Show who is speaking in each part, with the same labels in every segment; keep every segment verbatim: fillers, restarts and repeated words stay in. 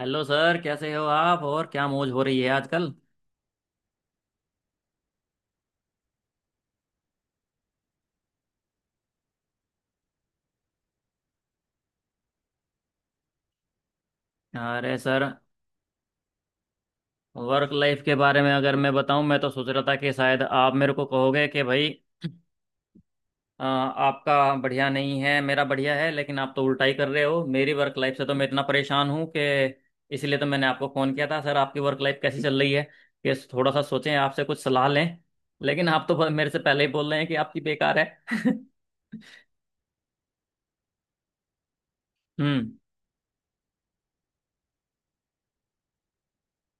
Speaker 1: Hello sir, कैसे हो आप? और क्या मौज हो रही है आजकल? अरे सर, वर्क लाइफ के बारे में अगर मैं बताऊं, मैं तो सोच रहा था कि शायद आप मेरे को कहोगे कि भाई, अ, आपका बढ़िया नहीं है मेरा बढ़िया है। लेकिन आप तो उल्टा ही कर रहे हो। मेरी वर्क लाइफ से तो मैं इतना परेशान हूं कि इसलिए तो मैंने आपको फ़ोन किया था सर। आपकी वर्क लाइफ कैसी चल रही है ये थोड़ा सा सोचें, आपसे कुछ सलाह लें। लेकिन आप तो मेरे से पहले ही बोल रहे हैं कि आपकी बेकार है। हम्म।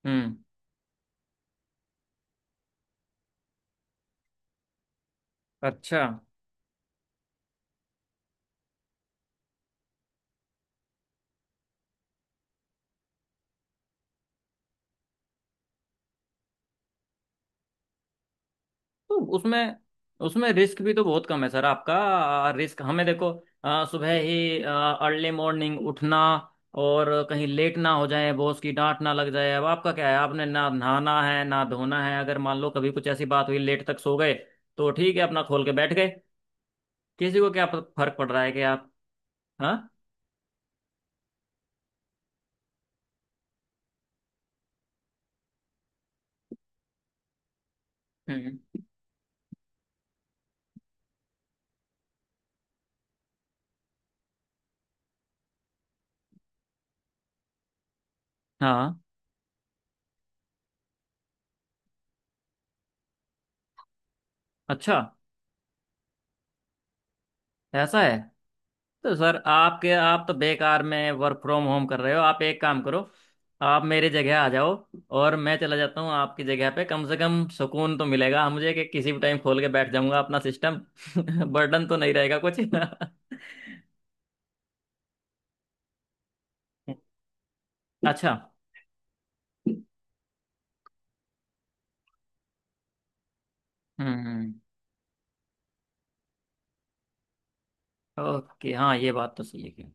Speaker 1: हम्म। अच्छा। तो उसमें उसमें रिस्क भी तो बहुत कम है सर। आपका रिस्क हमें देखो। अ, सुबह ही अर्ली मॉर्निंग उठना, और कहीं लेट ना हो जाए, बॉस की डांट ना लग जाए। अब आपका क्या है? आपने ना नहाना है ना धोना है। अगर मान लो कभी कुछ ऐसी बात हुई, लेट तक सो गए, तो ठीक है, अपना खोल के बैठ गए। किसी को क्या फ- फर्क पड़ रहा है कि आप। हाँ। हम्म। हाँ। अच्छा, ऐसा है। तो सर, आपके, आप तो बेकार में वर्क फ्रॉम होम कर रहे हो। आप एक काम करो, आप मेरी जगह आ जाओ और मैं चला जाता हूँ आपकी जगह पे। कम से कम सुकून तो मिलेगा मुझे कि किसी भी टाइम खोल के बैठ जाऊंगा अपना सिस्टम। बर्डन तो नहीं रहेगा कुछ। अच्छा। हम्म। ओके, हाँ, ये बात तो सही है कि।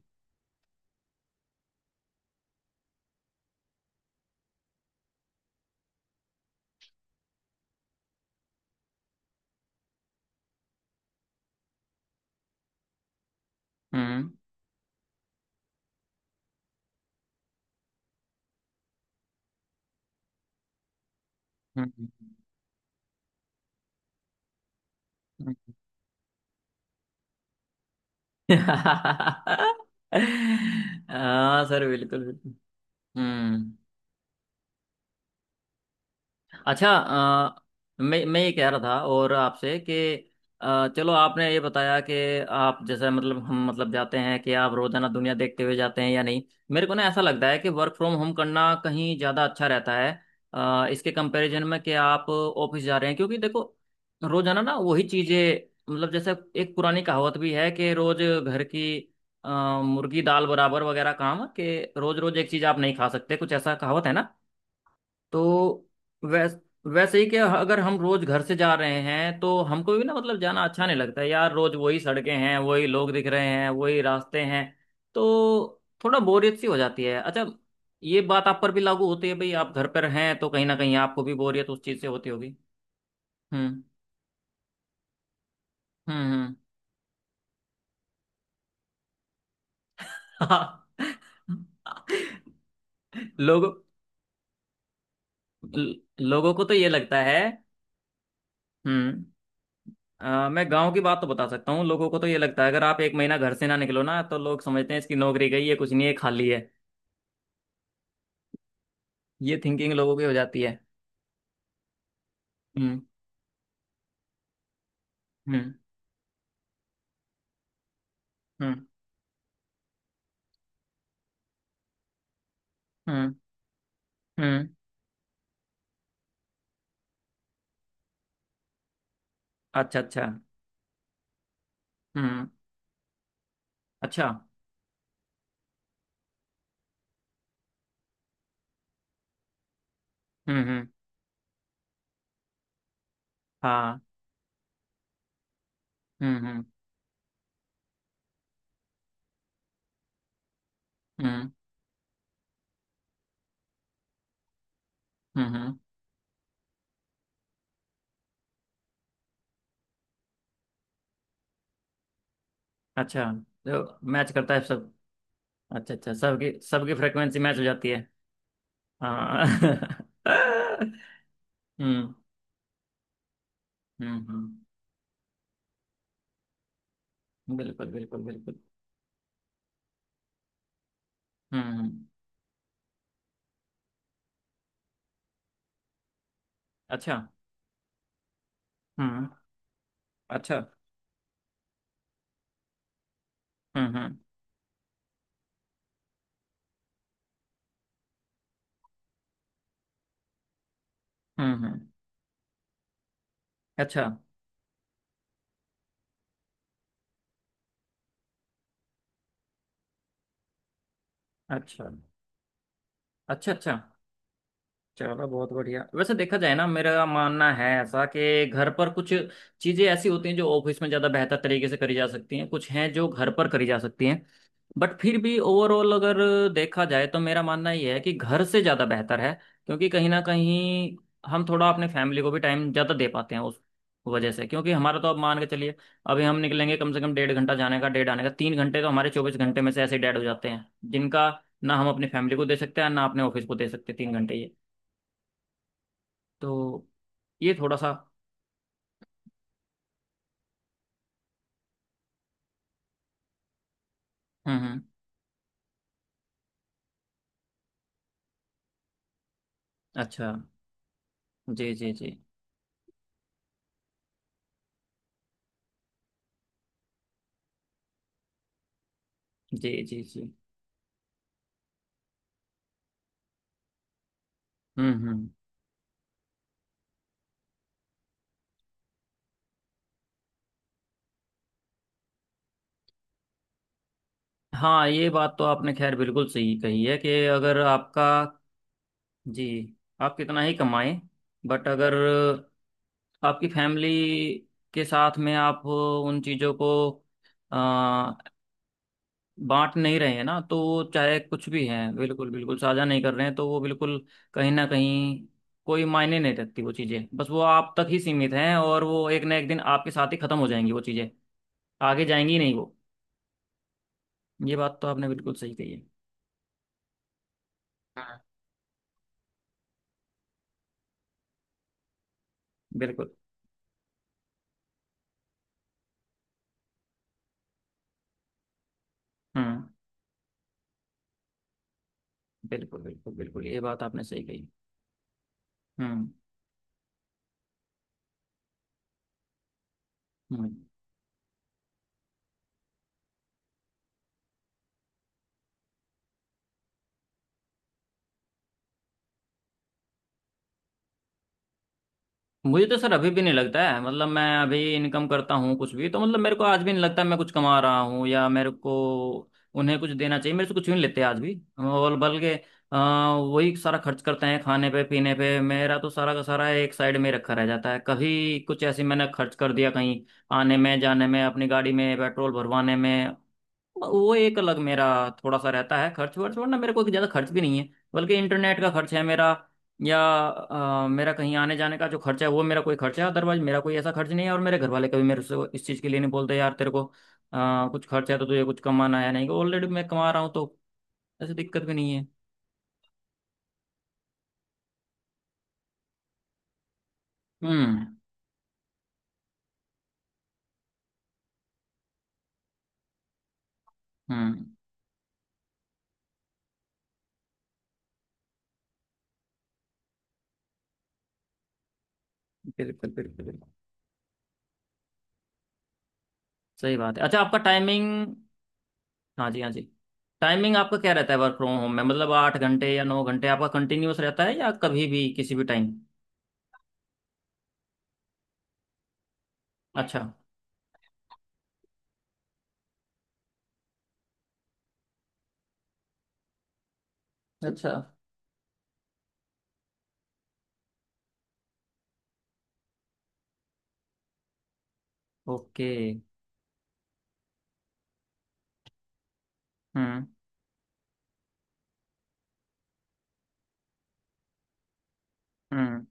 Speaker 1: हम्म। हम्म। हम्म। हम्म। हाँ सर, बिल्कुल बिल्कुल। हम्म। अच्छा। अ, मैं मैं ये कह रहा था और आपसे कि अ, चलो, आपने ये बताया कि आप जैसे मतलब हम मतलब जाते हैं कि आप रोजाना दुनिया देखते हुए जाते हैं या नहीं। मेरे को ना ऐसा लगता है कि वर्क फ्रॉम होम करना कहीं ज़्यादा अच्छा रहता है अ, इसके कंपैरिजन में कि आप ऑफिस जा रहे हैं। क्योंकि देखो, रोजाना ना वही चीज़ें, मतलब जैसे एक पुरानी कहावत भी है कि रोज घर की अ, मुर्गी दाल बराबर वगैरह काम कि रोज रोज एक चीज़ आप नहीं खा सकते, कुछ ऐसा कहावत है ना। तो वैस वैसे ही कि अगर हम रोज घर से जा रहे हैं तो हमको भी ना मतलब जाना अच्छा नहीं लगता है। यार, रोज वही सड़कें हैं, वही लोग दिख रहे हैं, वही रास्ते हैं, तो थोड़ा बोरियत सी हो जाती है। अच्छा, ये बात आप पर भी लागू होती है भाई, आप घर पर हैं तो कहीं ना कहीं आपको भी बोरियत उस चीज से होती होगी। हम्म। हम्म। हम्म। लोगों, लोगों को तो ये लगता है। हम्म। अ, मैं गांव की बात तो बता सकता हूँ। लोगों को तो ये लगता है अगर आप एक महीना घर से ना निकलो ना, तो लोग समझते हैं इसकी नौकरी गई है, कुछ नहीं है, खाली है। ये थिंकिंग लोगों की हो जाती है। हम्म। हम्म। हम्म। हम्म। हम्म। अच्छा अच्छा। हम्म। अच्छा। हम्म। हम्म। हाँ। हम्म। हम्म। हम्म। हम्म। हम्म। अच्छा। तो मैच करता है सब? अच्छा अच्छा, सबकी सबकी फ्रिक्वेंसी मैच हो जाती है। हाँ। हम्म। हम्म। हम्म। बिल्कुल बिल्कुल बिल्कुल। हम्म। हम्म। अच्छा। हम्म। अच्छा। हम्म। हम्म। हम्म। हम्म। अच्छा अच्छा। अच्छा अच्छा। चलो बहुत बढ़िया। वैसे देखा जाए ना, मेरा मानना है ऐसा कि घर पर कुछ चीजें ऐसी होती हैं जो ऑफिस में ज्यादा बेहतर तरीके से करी जा सकती हैं, कुछ हैं जो घर पर करी जा सकती हैं। बट फिर भी ओवरऑल अगर देखा जाए तो मेरा मानना ये है कि घर से ज़्यादा बेहतर है। क्योंकि कहीं ना कहीं हम थोड़ा अपने फैमिली को भी टाइम ज़्यादा दे पाते हैं उस वजह से। क्योंकि हमारा तो आप मान के चलिए, अभी हम निकलेंगे, कम से कम डेढ़ घंटा जाने का, डेढ़ आने का, तीन घंटे तो हमारे चौबीस घंटे में से ऐसे डेड हो जाते हैं जिनका ना हम अपनी फैमिली को दे सकते हैं ना अपने ऑफिस को दे सकते। तीन घंटे ये, तो ये थोड़ा सा। हम्म। हम्म। अच्छा। जी जी जी। जी जी जी। हम्म। हम्म। हाँ, ये बात तो आपने खैर बिल्कुल सही कही है कि अगर आपका। जी। आप कितना ही कमाएं, बट अगर आपकी फैमिली के साथ में आप उन चीज़ों को अ, बांट नहीं रहे हैं ना, तो वो चाहे कुछ भी हैं, बिल्कुल बिल्कुल साझा नहीं कर रहे हैं, तो वो बिल्कुल कहीं ना कहीं कोई मायने नहीं रखती वो चीज़ें। बस वो आप तक ही सीमित हैं और वो एक ना एक दिन आपके साथ ही ख़त्म हो जाएंगी वो चीज़ें, आगे जाएंगी ही नहीं वो। ये बात तो आपने बिल्कुल सही कही है। हाँ बिल्कुल। हम्म। बिल्कुल बिल्कुल बिल्कुल। ये बात आपने सही कही। हम्म। हम्म। मुझे तो सर अभी भी नहीं लगता है, मतलब मैं अभी इनकम करता हूँ कुछ भी तो, मतलब मेरे को आज भी नहीं लगता मैं कुछ कमा रहा हूँ या मेरे को उन्हें कुछ देना चाहिए। मेरे से कुछ भी नहीं लेते आज भी, और बल्कि अ, वही सारा खर्च करते हैं खाने पे पीने पे। मेरा तो सारा का सारा एक साइड में रखा रह जाता है। कभी कुछ ऐसे मैंने खर्च कर दिया कहीं आने में जाने में, अपनी गाड़ी में पेट्रोल भरवाने में, वो एक अलग मेरा थोड़ा सा रहता है खर्च वर्च, वरना मेरे को ज़्यादा खर्च भी नहीं है। बल्कि इंटरनेट का खर्च है मेरा, या अ, मेरा कहीं आने जाने का जो खर्च है वो, मेरा कोई खर्च है। अदरवाइज मेरा कोई ऐसा खर्च नहीं है। और मेरे घर वाले कभी मेरे से इस चीज़ के लिए नहीं बोलते यार तेरे को अ, कुछ खर्च है तो तुझे कुछ कमाना है, नहीं, ऑलरेडी मैं कमा रहा हूँ तो ऐसी दिक्कत भी नहीं है। हम्म। हम्म। बिल्कुल बिल्कुल बिल्कुल। सही बात है। अच्छा, आपका टाइमिंग। हाँ जी, हाँ जी। टाइमिंग आपका क्या रहता है वर्क फ्रॉम होम में? मतलब आठ घंटे या नौ घंटे आपका कंटिन्यूअस रहता है या कभी भी किसी भी टाइम? अच्छा अच्छा। ओके। हम्म। हम्म।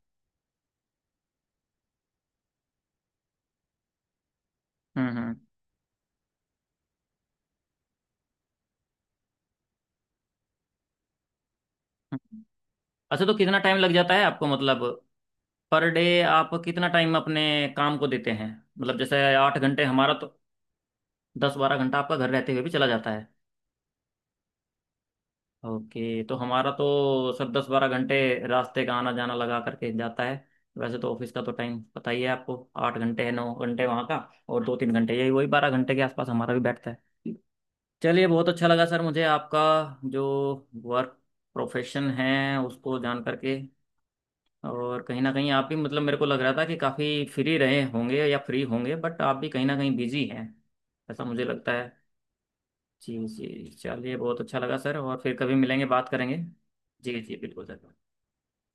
Speaker 1: हम्म। हम्म। हम्म। अच्छा, तो कितना टाइम लग जाता है आपको? मतलब पर डे आप कितना टाइम अपने काम को देते हैं? मतलब जैसे आठ घंटे हमारा तो, दस बारह घंटा आपका घर रहते हुए भी चला जाता है। ओके, तो हमारा तो सर दस बारह घंटे रास्ते का आना जाना लगा करके जाता है। वैसे तो ऑफिस का तो टाइम पता ही है आपको, आठ घंटे है नौ घंटे वहाँ का, और दो तीन घंटे यही वही, बारह घंटे के आसपास हमारा भी बैठता है। चलिए, बहुत अच्छा लगा सर मुझे आपका जो वर्क प्रोफेशन है उसको जान करके। और कहीं ना कहीं आप भी, मतलब मेरे को लग रहा था कि काफ़ी फ्री रहे होंगे या फ्री होंगे, बट आप भी कहीं ना कहीं बिजी हैं ऐसा मुझे लगता है। जी जी, चलिए, बहुत अच्छा लगा सर, और फिर कभी मिलेंगे बात करेंगे। जी जी बिल्कुल सर।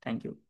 Speaker 1: Thank you.